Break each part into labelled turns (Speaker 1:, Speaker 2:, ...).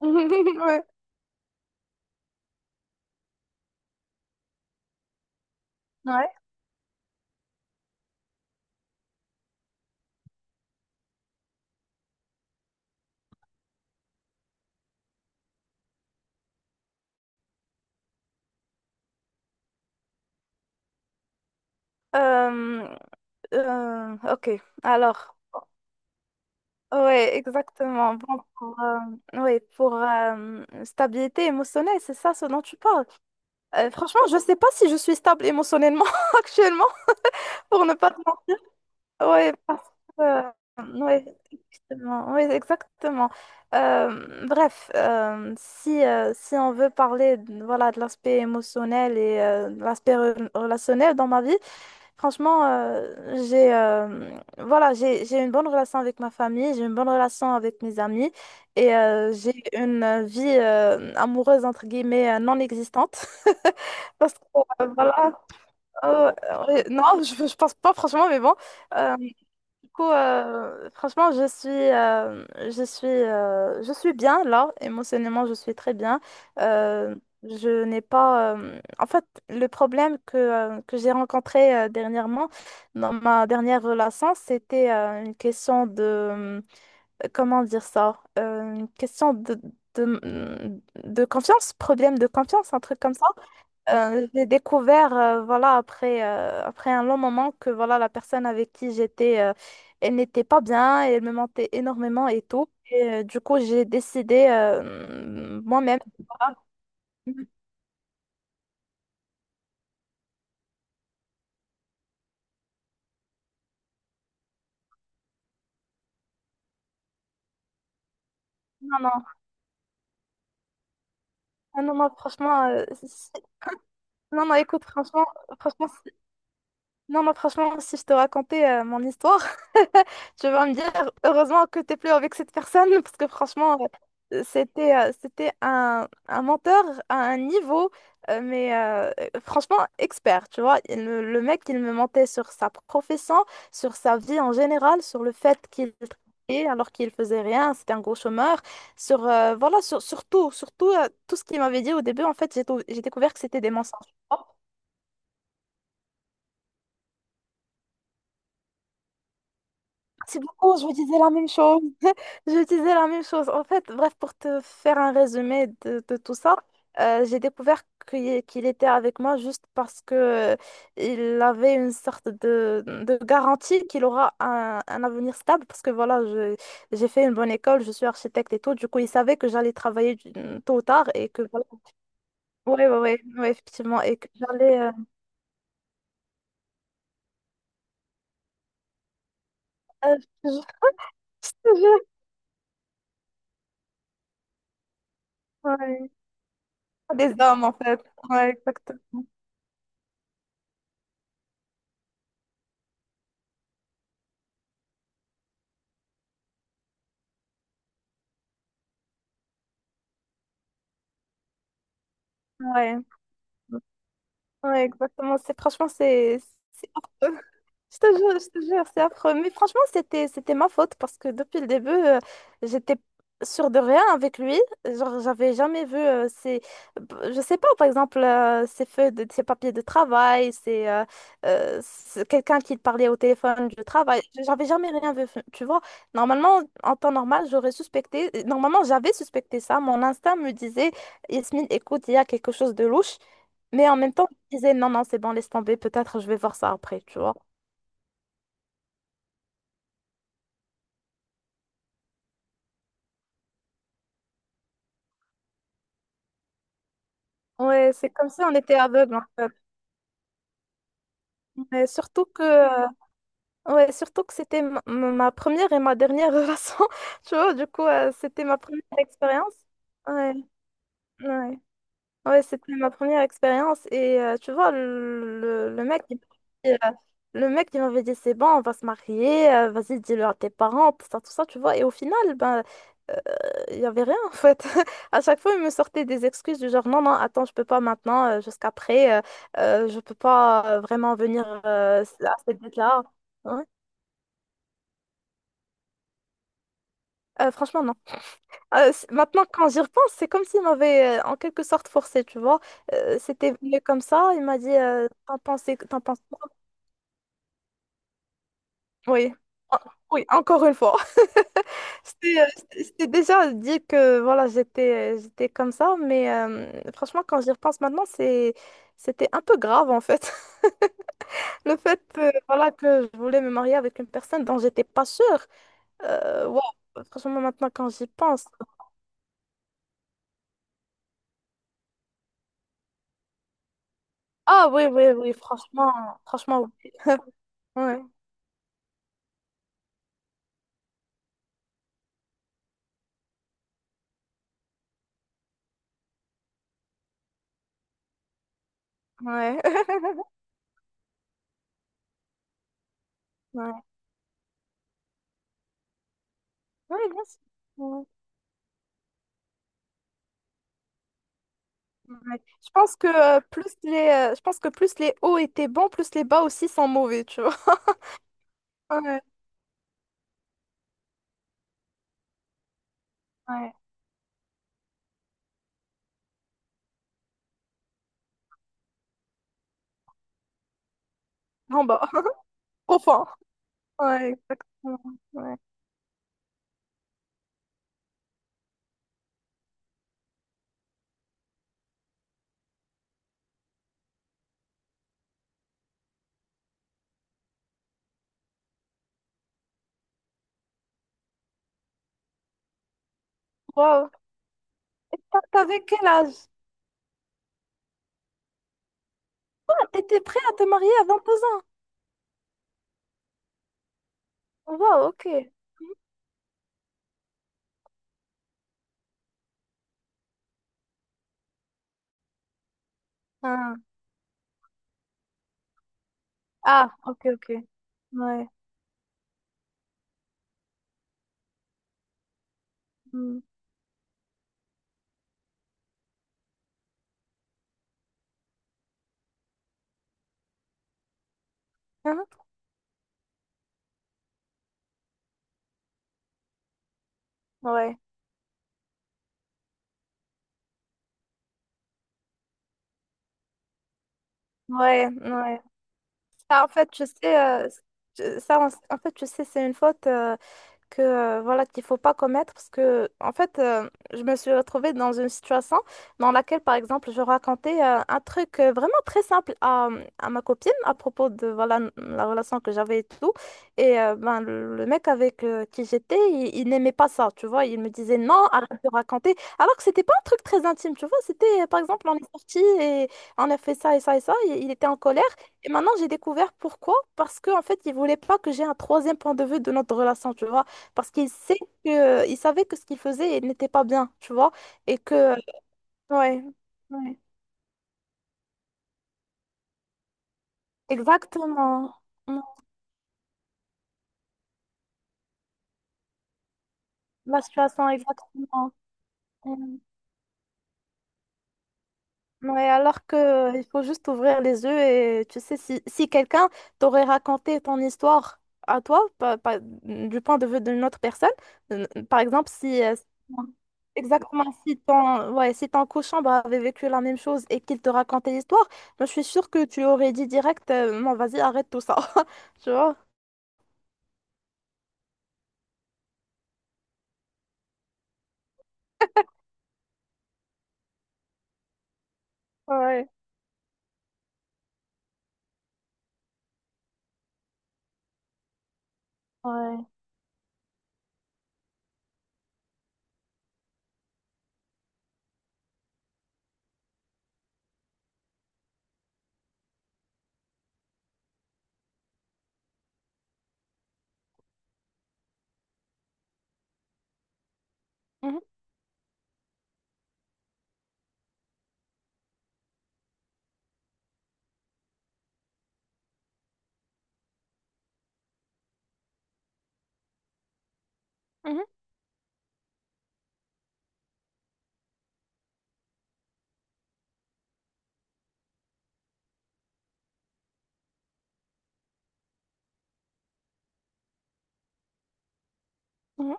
Speaker 1: Ouais, ouais. Euh, ok. Alors, ouais, exactement. Bon, pour, ouais, pour stabilité émotionnelle, c'est ça ce dont tu parles. Franchement, je sais pas si je suis stable émotionnellement actuellement, pour ne pas te mentir. Ouais, que, euh, ouais, exactement. Ouais, exactement. Bref, si on veut parler, voilà, de l'aspect émotionnel et de l'aspect relationnel dans ma vie. Franchement, j'ai voilà, j'ai une bonne relation avec ma famille, j'ai une bonne relation avec mes amis et j'ai une vie amoureuse entre guillemets non existante parce que voilà euh, ouais, non je pense pas franchement mais bon euh, du coup, franchement, je suis bien là, émotionnellement, je suis très bien. Euh, je n'ai pas. En fait, le problème que j'ai rencontré dernièrement dans ma dernière relation, c'était une question de. Comment dire ça? Une question de, de, de confiance, problème de confiance, un truc comme ça. J'ai découvert, voilà, après un long moment que voilà, la personne avec qui j'étais, elle n'était pas bien, elle me mentait énormément et tout. Et du coup, j'ai décidé moi-même. Voilà. Non, non. Ah, non, non, franchement, non, non, écoute, franchement, franchement, non, moi, franchement, si je te racontais mon histoire, tu vas me dire heureusement que t'es plus avec cette personne, parce que franchement, c'était un menteur à un niveau, mais franchement, expert, tu vois. Le mec, il me mentait sur sa profession, sur sa vie en général, sur le fait qu'il travaillait alors qu'il faisait rien, c'était un gros chômeur, voilà, sur tout, tout ce qu'il m'avait dit au début, en fait, j'ai découvert que c'était des mensonges. C'est beaucoup, je vous disais la même chose. Je disais la même chose. En fait, bref, pour te faire un résumé de, tout ça, j'ai découvert qu'il était avec moi juste parce que euh, il avait une sorte de, garantie qu'il aura un avenir stable. Parce que voilà, j'ai fait une bonne école, je suis architecte et tout. Du coup, il savait que j'allais travailler tôt ou tard et que voilà. Oui, oui, oui, effectivement. Et que j'allais. Euh, je- je- ouais. Des hommes, en fait. Ouais, exactement. Ouais. Ouais, exactement. C'est franchement, c'est affreux. Je te jure, c'est affreux. Mais franchement, c'était ma faute parce que depuis le début, j'étais sûre de rien avec lui. Genre, j'avais jamais vu ces, je sais pas, par exemple, ces feuilles de, ces papiers de travail, c'est quelqu'un qui parlait au téléphone du travail. J'avais jamais rien vu, tu vois. Normalement, en temps normal, j'aurais suspecté. Normalement, j'avais suspecté ça. Mon instinct me disait, Yasmine, écoute, il y a quelque chose de louche. Mais en même temps, je disais, non, non, c'est bon, laisse tomber, peut-être je vais voir ça après, tu vois. Ouais, c'est comme si on était aveugle, en fait. Mais surtout que c'était ma première et ma dernière relation, tu vois, du coup, c'était ma première expérience. Ouais, ouais. Ouais, c'était ma première expérience et tu vois, le mec, m'avait dit, euh, le mec, il m'avait dit, c'est bon, on va se marier, vas-y, dis-le à tes parents, tout ça, tu vois. Et au final, ben, euh, il n'y avait rien en fait. À chaque fois, il me sortait des excuses du genre, non, non, attends, je peux pas maintenant, jusqu'après, je peux pas vraiment venir à cette date-là. Ouais. Franchement, non. Maintenant, quand j'y repense, c'est comme s'il m'avait en quelque sorte forcé, tu vois. C'était venu comme ça, il m'a dit t'en penses quoi? Oui. En- oui, encore une fois. C'était déjà dit que voilà, j'étais comme ça, mais franchement, quand j'y repense maintenant, c'était un peu grave en fait. Le fait voilà, que je voulais me marier avec une personne dont j'étais pas sûre. Ouais, franchement, maintenant, quand j'y pense. Ah oui, oui, oui, franchement, franchement, oui. Ouais, ouais. Oui, bien sûr. Ouais. Ouais. Je pense que plus les hauts étaient bons, plus les bas aussi sont mauvais, tu vois. Ouais, ouais. En bas, au fond. Ouais, exactement. Ouais. Wow. T'avais quel âge? Ah, t'étais prêt à te marier à 22 ans. Wow, ok. Ah, ah, ok, ok. Ouais. Hmm. Hein? Ouais, ouais, ouais. Ça, en fait, je sais, ça, en fait, je sais, c'est une faute, que voilà qu'il faut pas commettre parce que en fait je me suis retrouvée dans une situation dans laquelle par exemple je racontais un truc vraiment très simple à, ma copine à propos de voilà la relation que j'avais et tout. Et ben le mec avec qui j'étais, il n'aimait pas ça, tu vois. Il me disait non, arrête de raconter, alors que c'était pas un truc très intime, tu vois. C'était par exemple, on est sorti et on a fait ça et ça et ça, et il était en colère. Et maintenant j'ai découvert pourquoi, parce que en fait il voulait pas que j'ai un troisième point de vue de notre relation, tu vois, parce qu'il il savait que ce qu'il faisait n'était pas bien, tu vois. Et que, ouais, ouais. Exactement. Non. La situation, exactement. Ouais, alors que il faut juste ouvrir les yeux, et tu sais, si quelqu'un t'aurait raconté ton histoire à toi, du point de vue d'une autre personne, par exemple, si exactement, si ton cochambre avait vécu la même chose et qu'il te racontait l'histoire, moi, je suis sûre que tu aurais dit direct, non, vas-y, arrête tout ça. Tu vois? Ouais. Ouais. Mhm, mhm, mhm.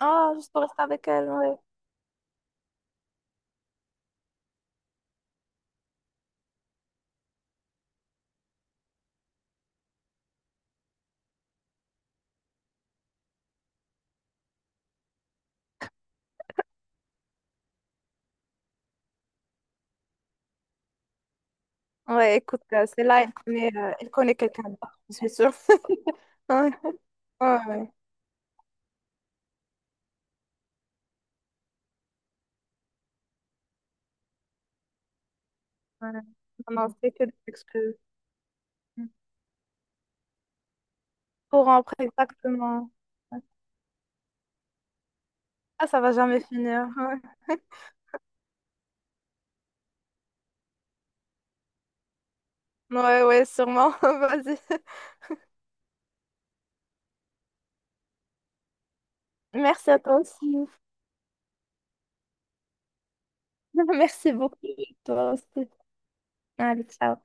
Speaker 1: Ah, juste pour rester avec elle, ouais. Ouais, écoute, c'est là, elle connaît quelqu'un d'autre, je suis sûre. Ouais. Ouais, ouais. Voilà. Non, non, c'est que des excuses. Mm. Pour rentrer, exactement. Ah, ça va jamais finir. Ouais, ouais, ouais, sûrement. Vas-y. Merci à toi aussi. Merci beaucoup. Toi aussi. Allez, ciao.